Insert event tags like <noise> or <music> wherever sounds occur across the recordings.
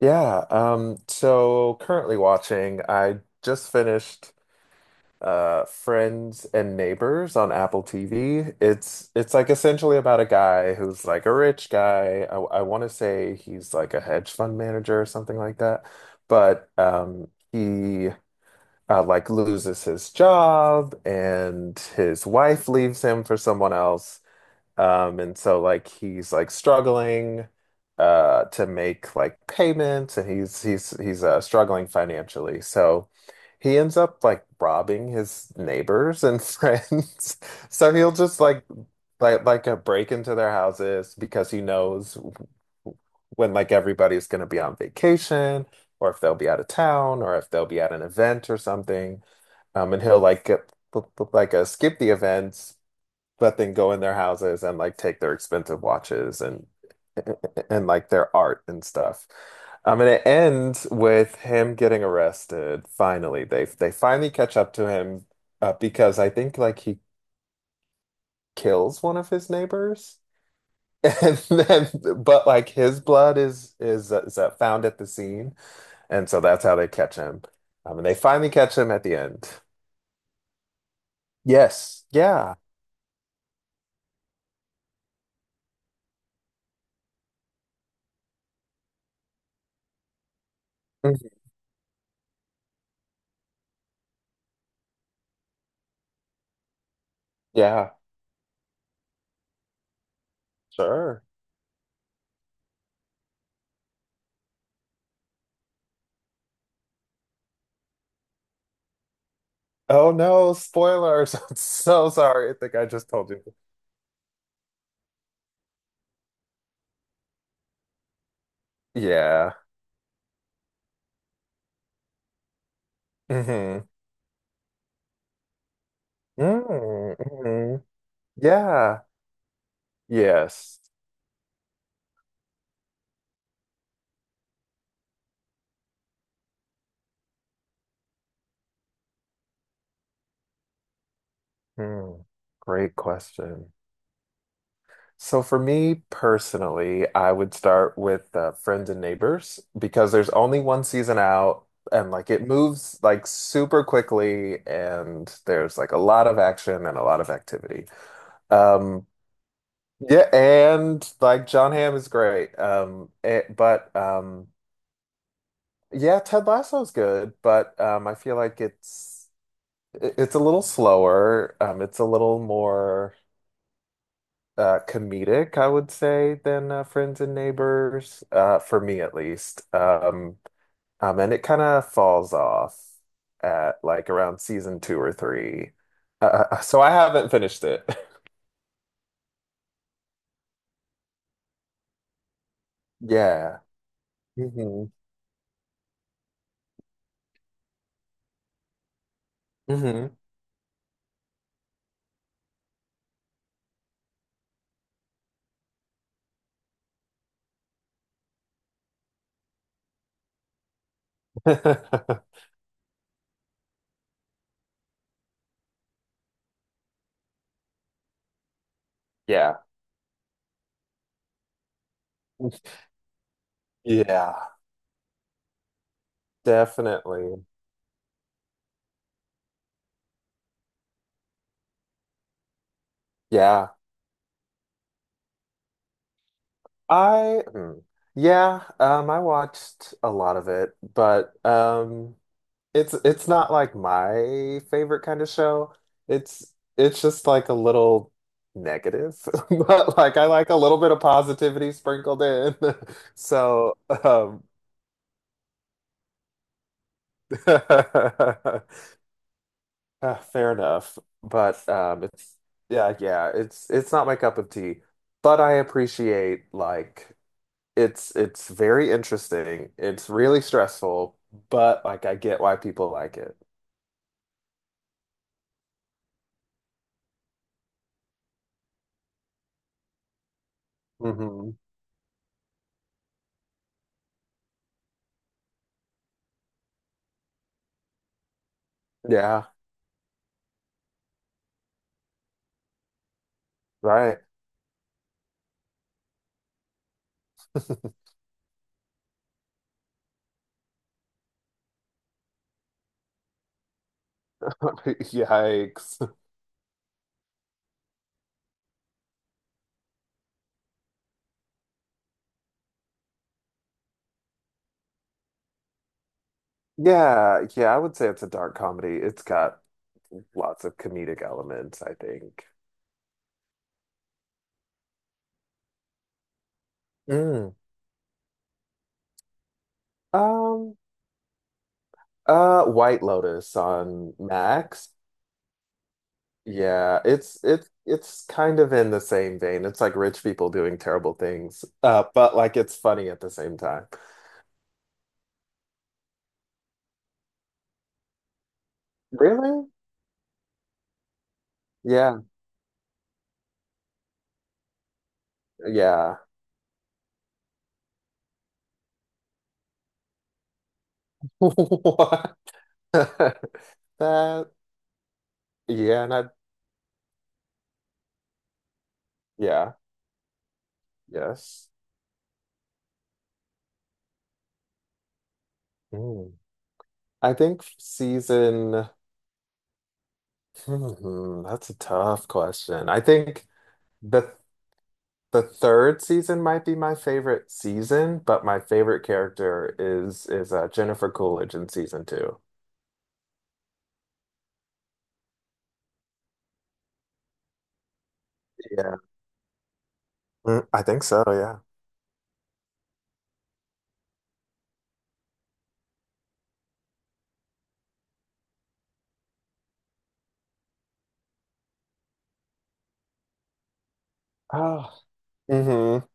Yeah, so currently watching, I just finished Friends and Neighbors on Apple TV. It's like essentially about a guy who's like a rich guy. I want to say he's like a hedge fund manager or something like that. But he like loses his job and his wife leaves him for someone else. And so like he's like struggling to make like payments and he's struggling financially. So he ends up like robbing his neighbors and <laughs> friends. So he'll just like break into their houses because he knows when like everybody's going to be on vacation or if they'll be out of town or if they'll be at an event or something. And he'll like get, skip the events but then go in their houses and like take their expensive watches and like their art and stuff. And it ends with him getting arrested. Finally, they finally catch up to him because I think like he kills one of his neighbors, <laughs> and then but like his blood is found at the scene, and so that's how they catch him. And they finally catch him at the end. Yes, yeah. Mhm. Yeah, sure. Oh no, spoilers. <laughs> I'm so sorry. I think I just told you. Yeah. Mm-hmm. Mm. Mm-hmm. Yeah. Yes. Mm. Great question. So for me personally, I would start with Friends and Neighbors because there's only one season out and like it moves like super quickly and there's like a lot of action and a lot of activity. Um yeah, and like John Hamm is great. It, but Yeah, Ted Lasso's good, but I feel like it's a little slower. It's a little more comedic, I would say, than Friends and Neighbors, for me at least. And it kind of falls off at like around season two or three. So I haven't finished it. <laughs> Yeah. Hmm. Hmm. <laughs> Yeah. Yeah, definitely. Yeah. I hmm. Yeah, I watched a lot of it, but it's not like my favorite kind of show. It's just like a little negative, <laughs> but like I like a little bit of positivity sprinkled in. <laughs> So, um <laughs> uh, fair enough, but it's yeah, yeah, it's not my cup of tea, but I appreciate it's very interesting. It's really stressful, but like I get why people like it. Hmm. Yeah, right. <laughs> Yikes. Yeah, yeah, I would say it's a dark comedy. It's got lots of comedic elements, I think. Mm. Um, White Lotus on Max. Yeah, it's kind of in the same vein. It's like rich people doing terrible things, but like it's funny at the same time. Really? Yeah. Yeah. <laughs> What? <laughs> That, yeah, and I, yeah, yes. Hmm. I think season, that's a tough question. I think the the third season might be my favorite season, but my favorite character is Jennifer Coolidge in season two. Yeah. Mm, I think so, yeah. Oh. Mm-hmm.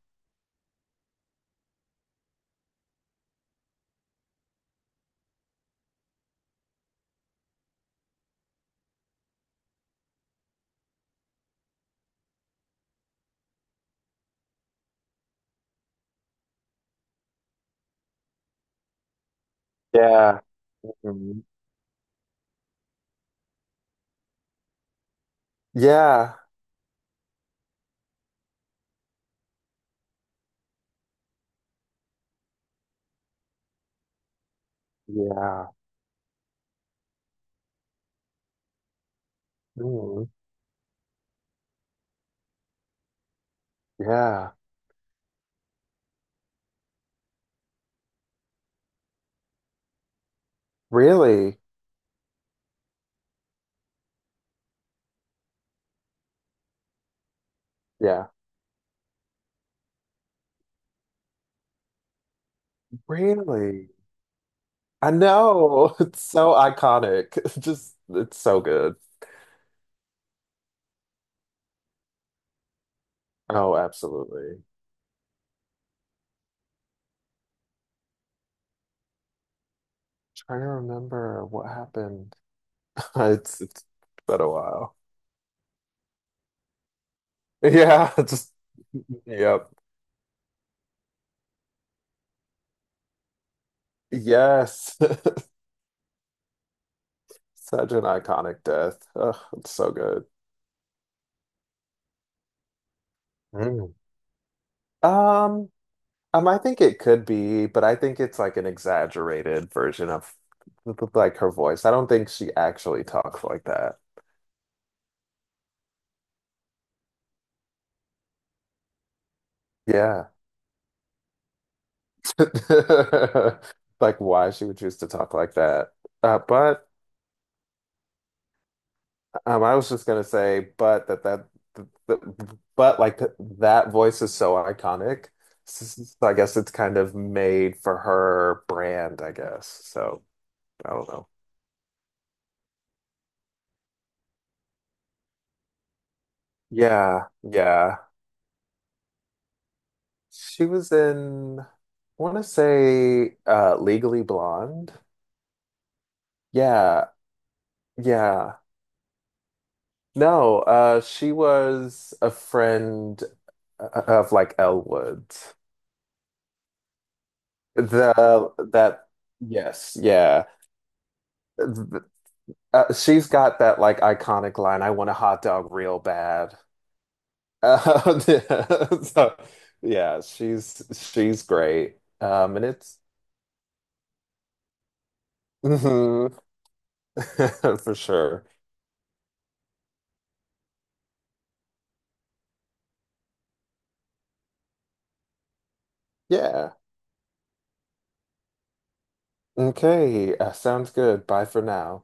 Yeah. Mhm. Yeah. Yeah. Mhm. Yeah. Really? Yeah. Really? I know. <laughs> It's so iconic. <laughs> It's just, it's so good. Oh, absolutely. Trying to remember what happened. <laughs> It's been a while. Yeah, <laughs> just yep. Yes. <laughs> Such an iconic death. Ugh, it's so good. Mm. Um, I think it could be, but I think it's like an exaggerated version of like her voice. I don't think she actually talks like that. Yeah. <laughs> Like why she would choose to talk like that. But I was just gonna say, but that that, th- th- but like th that voice is so iconic. So I guess it's kind of made for her brand, I guess. So I don't know. Yeah, yeah. She was in, I want to say, Legally Blonde. Yeah, yeah. No, she was a friend of like Elwood. The that yes, yeah. Th- she's got that like iconic line, "I want a hot dog real bad." <laughs> Yeah, so, yeah, she's great. And it's mhm, <laughs> for sure. Yeah. Okay. Sounds good. Bye for now.